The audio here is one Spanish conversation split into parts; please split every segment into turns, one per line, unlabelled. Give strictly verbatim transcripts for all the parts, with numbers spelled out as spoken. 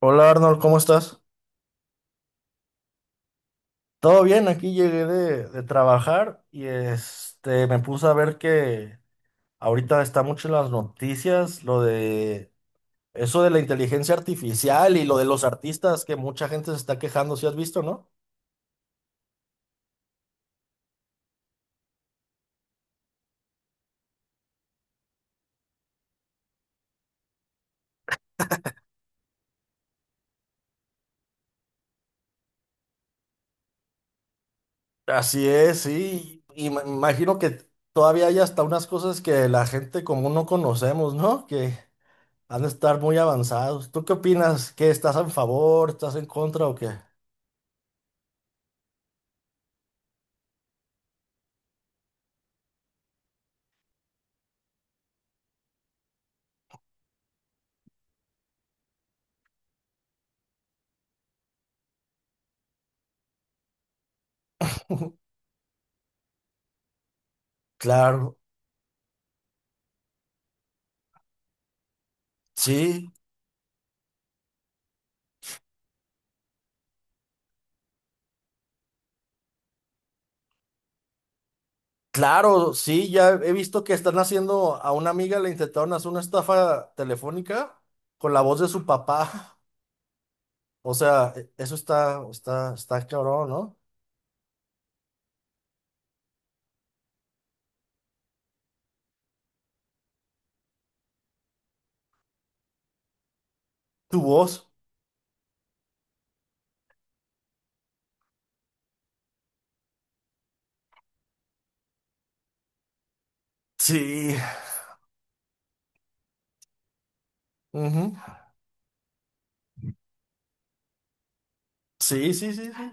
Hola Arnold, ¿cómo estás? Todo bien, aquí llegué de, de trabajar y este me puse a ver que ahorita está mucho en las noticias lo de eso de la inteligencia artificial y lo de los artistas que mucha gente se está quejando, si has visto, ¿no? Así es, sí. Y me imagino que todavía hay hasta unas cosas que la gente común no conocemos, ¿no? Que han de estar muy avanzados. ¿Tú qué opinas? ¿Qué estás a favor? ¿Estás en contra o qué? Claro, sí. Claro, sí, ya he visto que están haciendo, a una amiga le intentaron hacer una estafa telefónica con la voz de su papá. O sea, e- eso está, está, está cabrón, ¿no? Tu voz. Sí. Ujú. Sí, sí, sí, sí.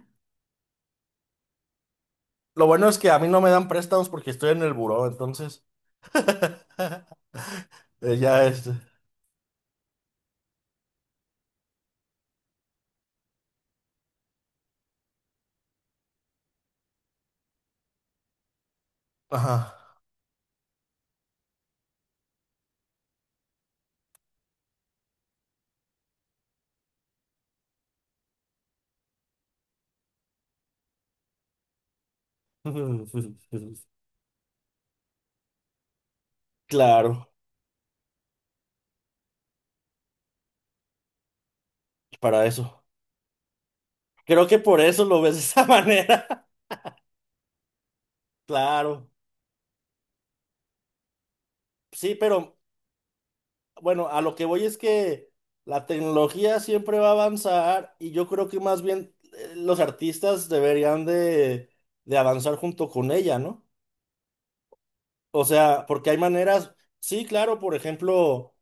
Lo bueno es que a mí no me dan préstamos porque estoy en el buró, entonces. Eh, ya es. Ajá. Claro, para eso. Creo que por eso lo ves de esa manera. Claro. Sí, pero bueno, a lo que voy es que la tecnología siempre va a avanzar y yo creo que más bien eh, los artistas deberían de, de avanzar junto con ella, ¿no? O sea, porque hay maneras, sí, claro, por ejemplo,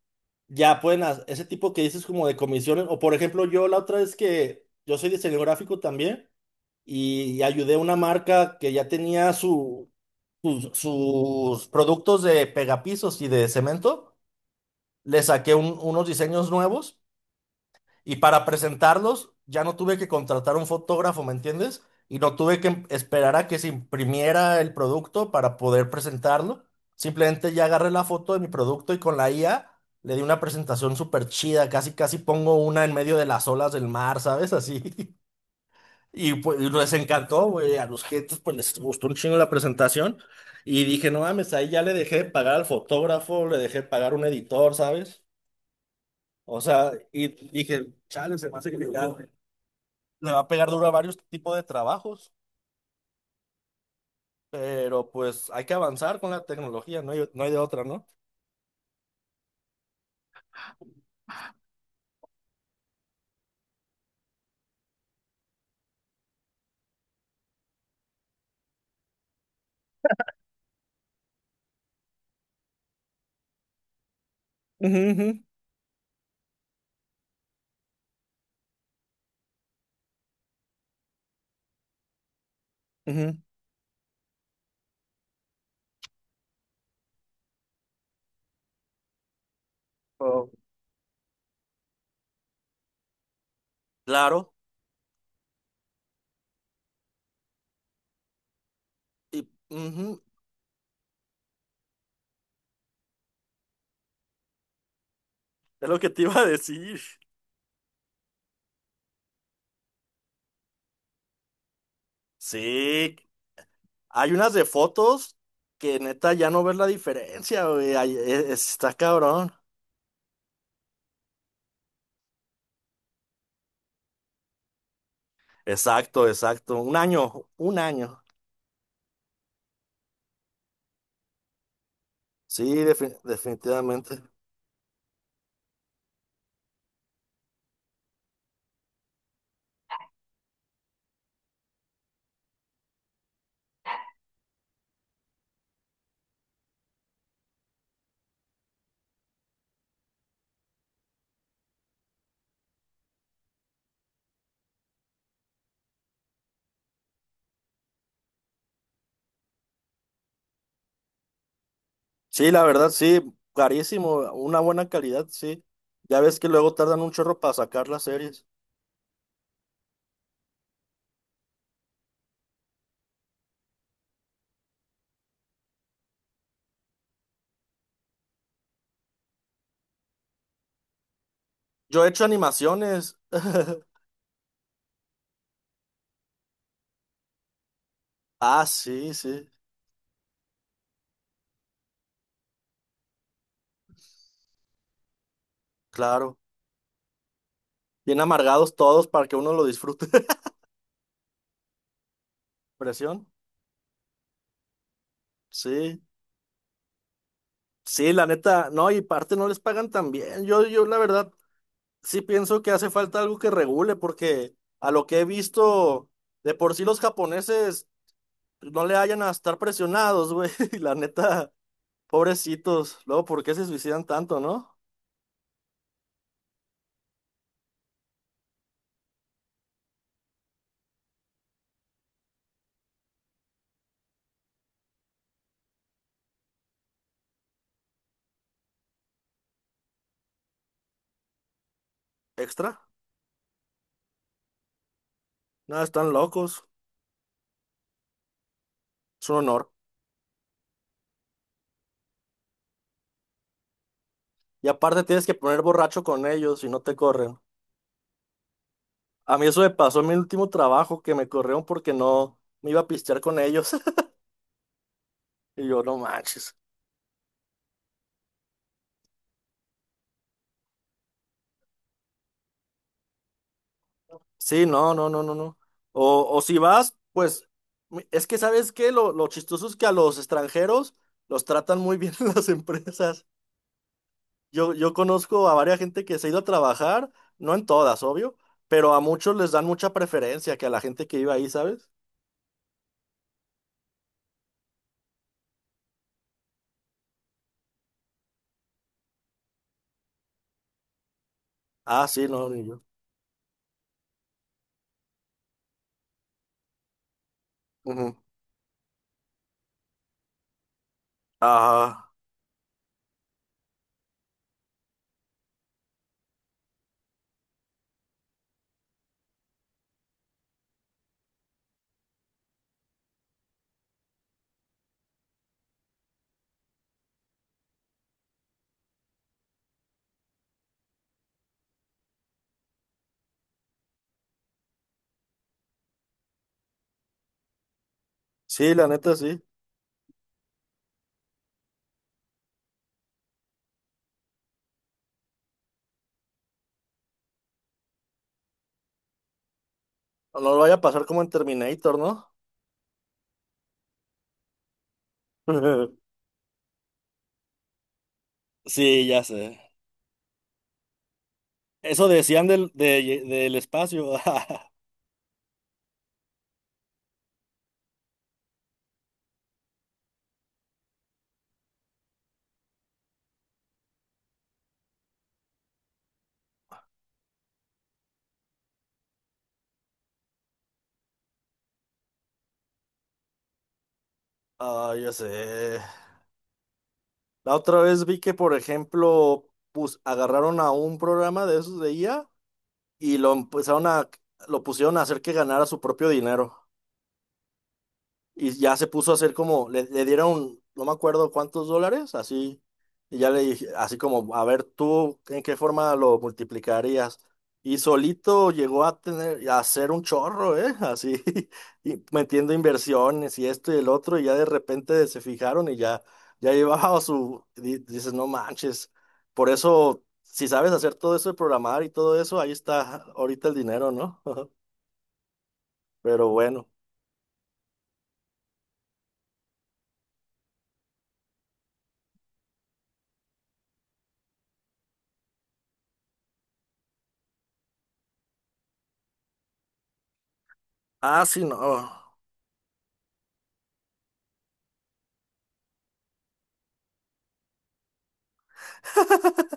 ya pueden, ha- ese tipo que dices como de comisiones, o por ejemplo, yo la otra vez que yo soy diseñador gráfico también y ayudé a una marca que ya tenía su, sus, sus productos de pegapisos y de cemento, le saqué un- unos diseños nuevos. Y para presentarlos, ya no tuve que contratar un fotógrafo, ¿me entiendes? Y no tuve que esperar a que se imprimiera el producto para poder presentarlo. Simplemente ya agarré la foto de mi producto y con la I A le di una presentación súper chida. Casi, casi pongo una en medio de las olas del mar, ¿sabes? Así. Y pues y les encantó, güey. A los clientes pues les gustó un chingo la presentación. Y dije, no mames, ahí ya le dejé de pagar al fotógrafo, le dejé de pagar a un editor, ¿sabes? O sea, y dije, chale, se me hace que me gane" le va a pegar duro a varios tipos de trabajos, pero pues hay que avanzar con la tecnología, no hay, no hay de otra, ¿no? Ujú, ujú, ujú. Oh. Claro, y ujú, es lo que te iba a decir. Sí, hay unas de fotos que neta ya no ves la diferencia, güey. Ay, e- es- está cabrón. Exacto, exacto. Un año, un año. Sí, defi- definitivamente. Sí, la verdad, sí, carísimo. Una buena calidad, sí. Ya ves que luego tardan un chorro para sacar las series. Yo he hecho animaciones. Ah, sí, sí, claro. Bien amargados todos para que uno lo disfrute. Presión. Sí, sí, la neta, no, y parte no les pagan tan bien. Yo, yo la verdad, sí pienso que hace falta algo que regule, porque a lo que he visto, de por sí los japoneses no le hayan a estar presionados, güey. Y la neta, pobrecitos. Luego, ¿por qué se suicidan tanto, no? Extra. Nada, están locos. Es un honor. Y aparte tienes que poner borracho con ellos y no te corren. A mí eso me pasó en mi último trabajo, que me corrieron porque no me iba a pistear con ellos. Y yo, no manches. Sí, no, no, no, no, no. O, o si vas, pues, mi- es que ¿sabes qué? Lo, lo chistoso es que a los extranjeros los tratan muy bien en las empresas. Yo, yo conozco a varias gente que se ha ido a trabajar, no en todas, obvio, pero a muchos les dan mucha preferencia que a la gente que iba ahí, ¿sabes? Ah, sí, no, ni yo. Ujú. Ah, sí, la neta, sí. No, no lo vaya a pasar como en Terminator, ¿no? Sí, ya sé. Eso decían del, de- del espacio. Ah, ya sé. La otra vez vi que, por ejemplo, pus- agarraron a un programa de esos de I A y lo empezaron a, lo pusieron a hacer que ganara su propio dinero. Y ya se puso a hacer como, le, le dieron, no me acuerdo cuántos dólares, así, y ya le dije, así como, a ver tú, ¿en qué forma lo multiplicarías? Y solito llegó a tener, a hacer un chorro, ¿eh? Así, y metiendo inversiones y esto y el otro, y ya de repente se fijaron y ya, ya llevaba su, di- dices, no manches. Por eso, si sabes hacer todo eso de programar y todo eso, ahí está ahorita el dinero, ¿no? Pero bueno. Ah, sí, no.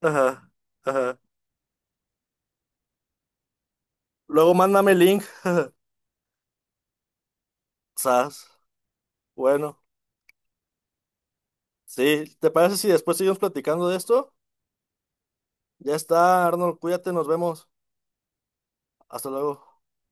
Ajá, ajá. Luego mándame el link, sas. Bueno, sí, ¿te parece si después seguimos platicando de esto? Ya está, Arnold, cuídate, nos vemos. Hasta luego.